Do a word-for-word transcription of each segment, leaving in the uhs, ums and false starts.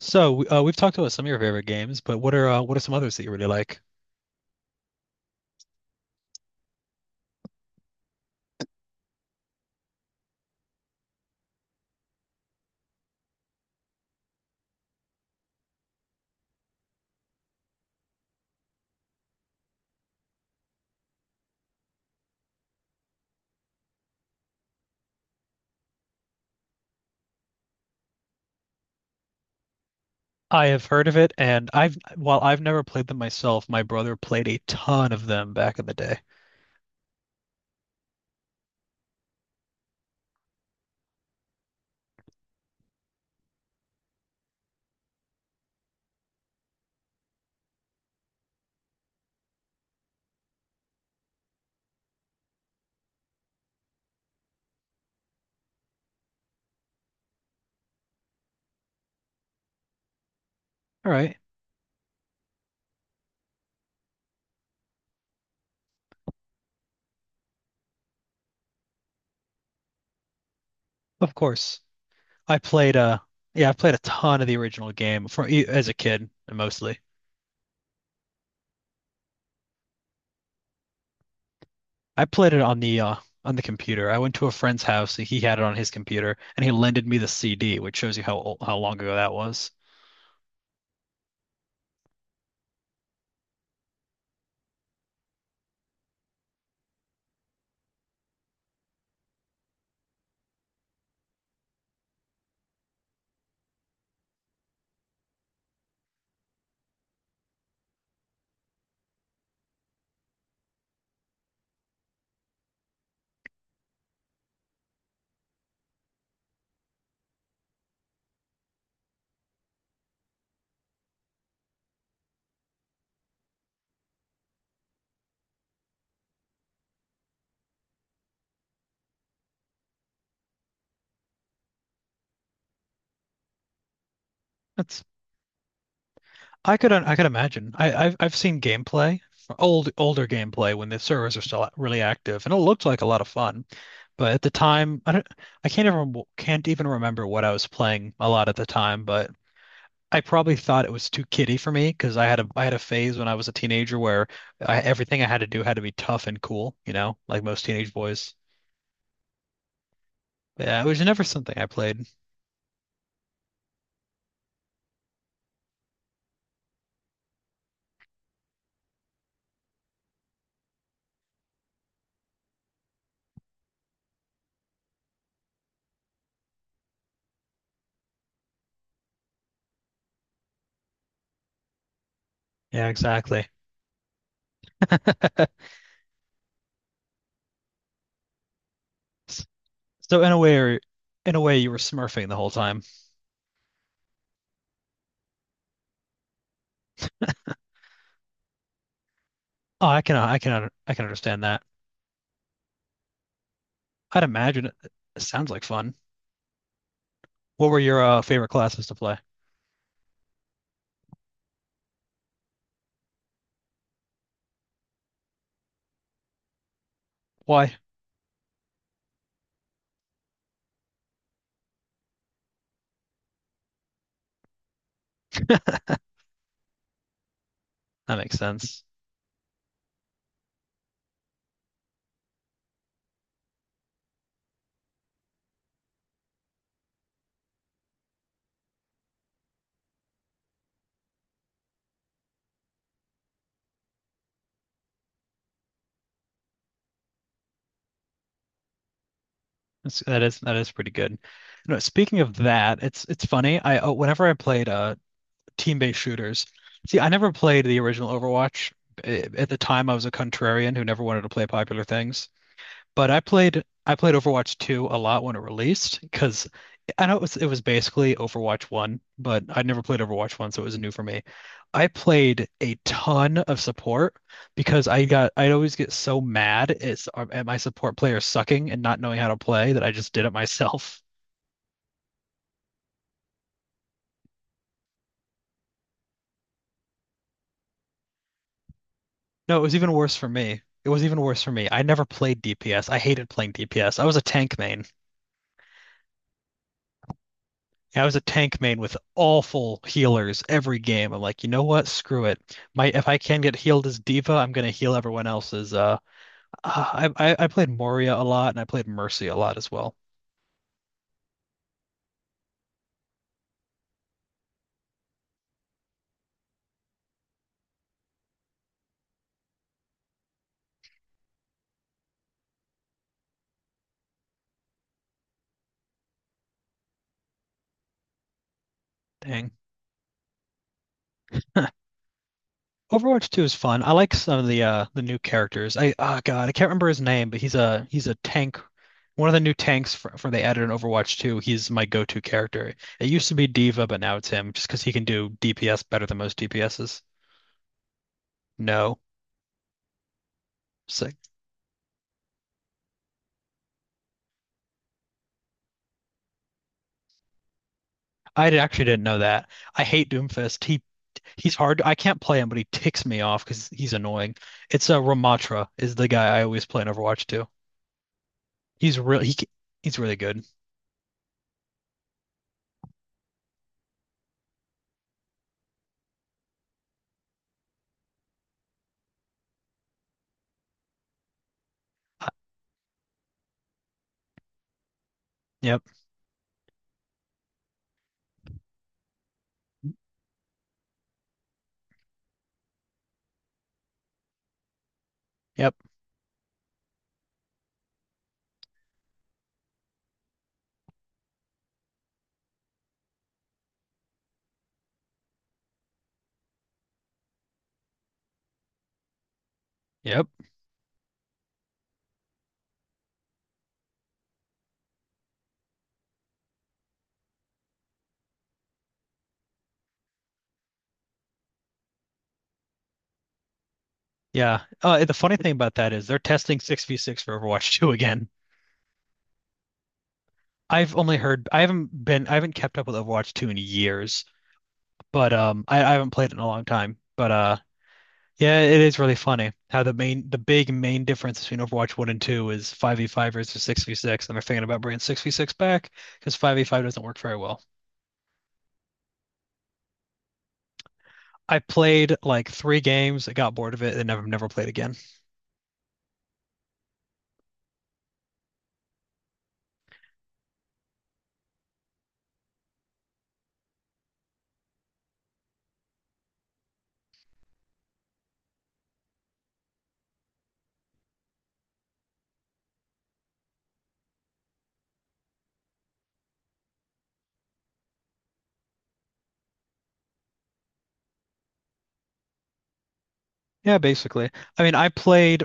So uh, we've talked about some of your favorite games, but what are uh, what are some others that you really like? I have heard of it, and I've while I've never played them myself. My brother played a ton of them back in the day. All right, of course. I played uh yeah, I played a ton of the original game from as a kid mostly. I played it on the uh on the computer. I went to a friend's house, and he had it on his computer, and he lended me the C D, which shows you how ol- how long ago that was. That's I could I could imagine. I, I've I've seen gameplay, old older gameplay when the servers are still really active, and it looked like a lot of fun. But at the time, I don't, I can't even can't even remember what I was playing a lot at the time. But I probably thought it was too kiddie for me, because I had a I had a phase when I was a teenager where I, everything I had to do had to be tough and cool, you know, like most teenage boys. But yeah, it was never something I played. Yeah, exactly. So in a way, in a way, you were smurfing the whole time. Oh, I can I can I can understand that. I'd imagine it, it sounds like fun. What were your uh, favorite classes to play? Why? That makes sense. That's, that is that is pretty good. No, speaking of that, it's it's funny. I uh, whenever I played uh team-based shooters, see, I never played the original Overwatch. Eh, At the time, I was a contrarian who never wanted to play popular things. But I played I played Overwatch two a lot when it released, because I know it was it was basically Overwatch one, but I'd never played Overwatch one, so it was new for me. I played a ton of support because I got I'd always get so mad at, at my support players sucking and not knowing how to play that I just did it myself. No, it was even worse for me. It was even worse for me. I never played D P S. I hated playing D P S. I was a tank main. I was a tank main with awful healers every game. I'm like, you know what? Screw it. My, if I can get healed as Diva, I'm gonna heal everyone else's. Uh, uh, I I, I played Moria a lot, and I played Mercy a lot as well. Dang. Overwatch two is fun. I like some of the uh the new characters. I, oh God, I can't remember his name, but he's a he's a tank. One of the new tanks for, for they added in Overwatch two. He's my go-to character. It used to be Diva, but now it's him, just because he can do D P S better than most D P Ss. No, so I d- Actually didn't know that. I hate Doomfist. He he's hard. I can't play him, but he ticks me off because he's annoying. It's uh, Ramatra is the guy I always play in Overwatch too. He's really he c- he's really good. Uh, Yep, yep, yep. Yeah. Uh, the funny thing about that is they're testing six v six for Overwatch two again. I've only heard I haven't been I haven't kept up with Overwatch two in years, but um I, I haven't played it in a long time. But uh yeah, it is really funny how the main, the big main difference between Overwatch one and two is five v five versus six v six. And they're thinking about bringing six v six back because five v five doesn't work very well. I played like three games, I got bored of it, and never never played again. Yeah, basically. I mean, I played,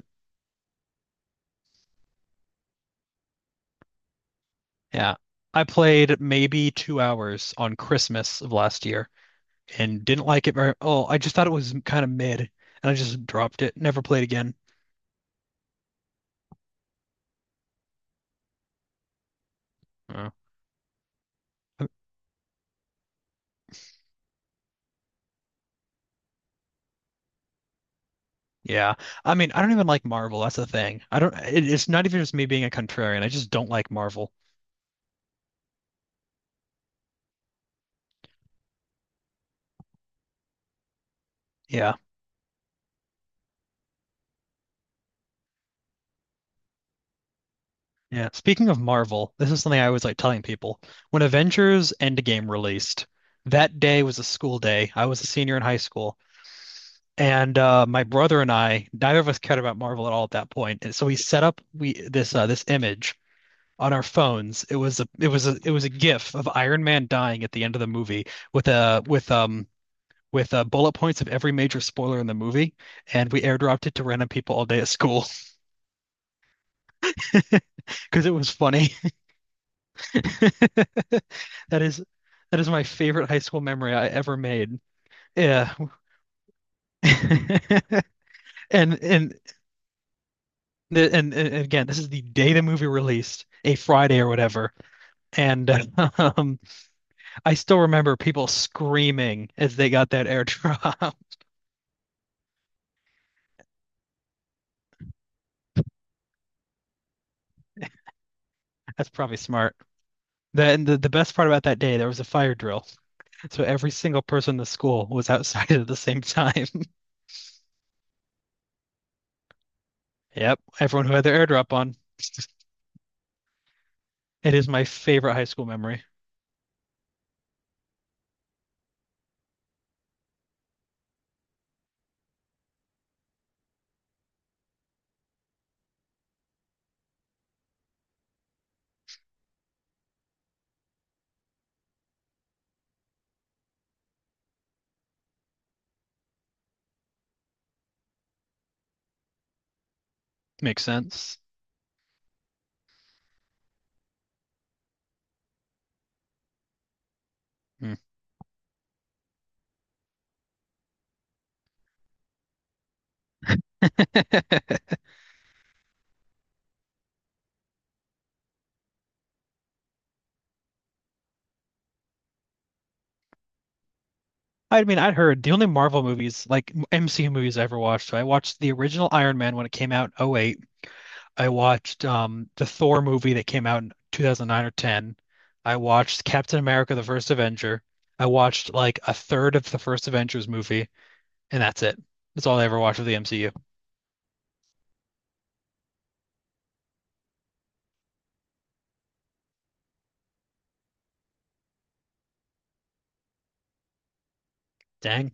yeah, I played maybe two hours on Christmas of last year, and didn't like it very. Oh, I just thought it was kind of mid, and I just dropped it. Never played again. Yeah. I mean, I don't even like Marvel. That's the thing. I don't, it, It's not even just me being a contrarian. I just don't like Marvel. Yeah. Yeah. Speaking of Marvel, this is something I always like telling people. When Avengers Endgame released, that day was a school day. I was a senior in high school. And uh, my brother and I, neither of us cared about Marvel at all at that point. And so we set up we this uh, this image on our phones. It was a it was a it was a GIF of Iron Man dying at the end of the movie with a with um with uh, bullet points of every major spoiler in the movie, and we airdropped it to random people all day at school because it was funny. That is that is my favorite high school memory I ever made. Yeah, and and and, and again, this is the day the movie released, a Friday or whatever, and um, I still remember people screaming as they got that airdrop. That's probably smart. The, and the the best part about that day, there was a fire drill. So every single person in the school was outside at the same time. Yep, everyone who had their airdrop on. It is my favorite high school memory. Makes sense. Hmm. I mean, I'd heard the only Marvel movies, like M C U movies I ever watched. So I watched the original Iron Man when it came out in oh 08. I watched um, the Thor movie that came out in two thousand nine or ten. I watched Captain America: The First Avenger. I watched like a third of the first Avengers movie, and that's it. That's all I ever watched of the M C U. Dang.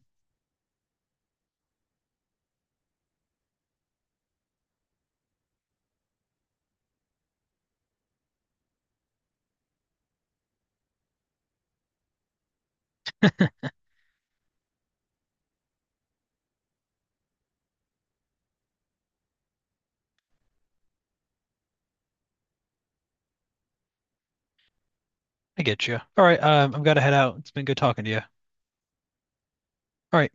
I get you. All right, um, I'm gonna head out. It's been good talking to you. All right.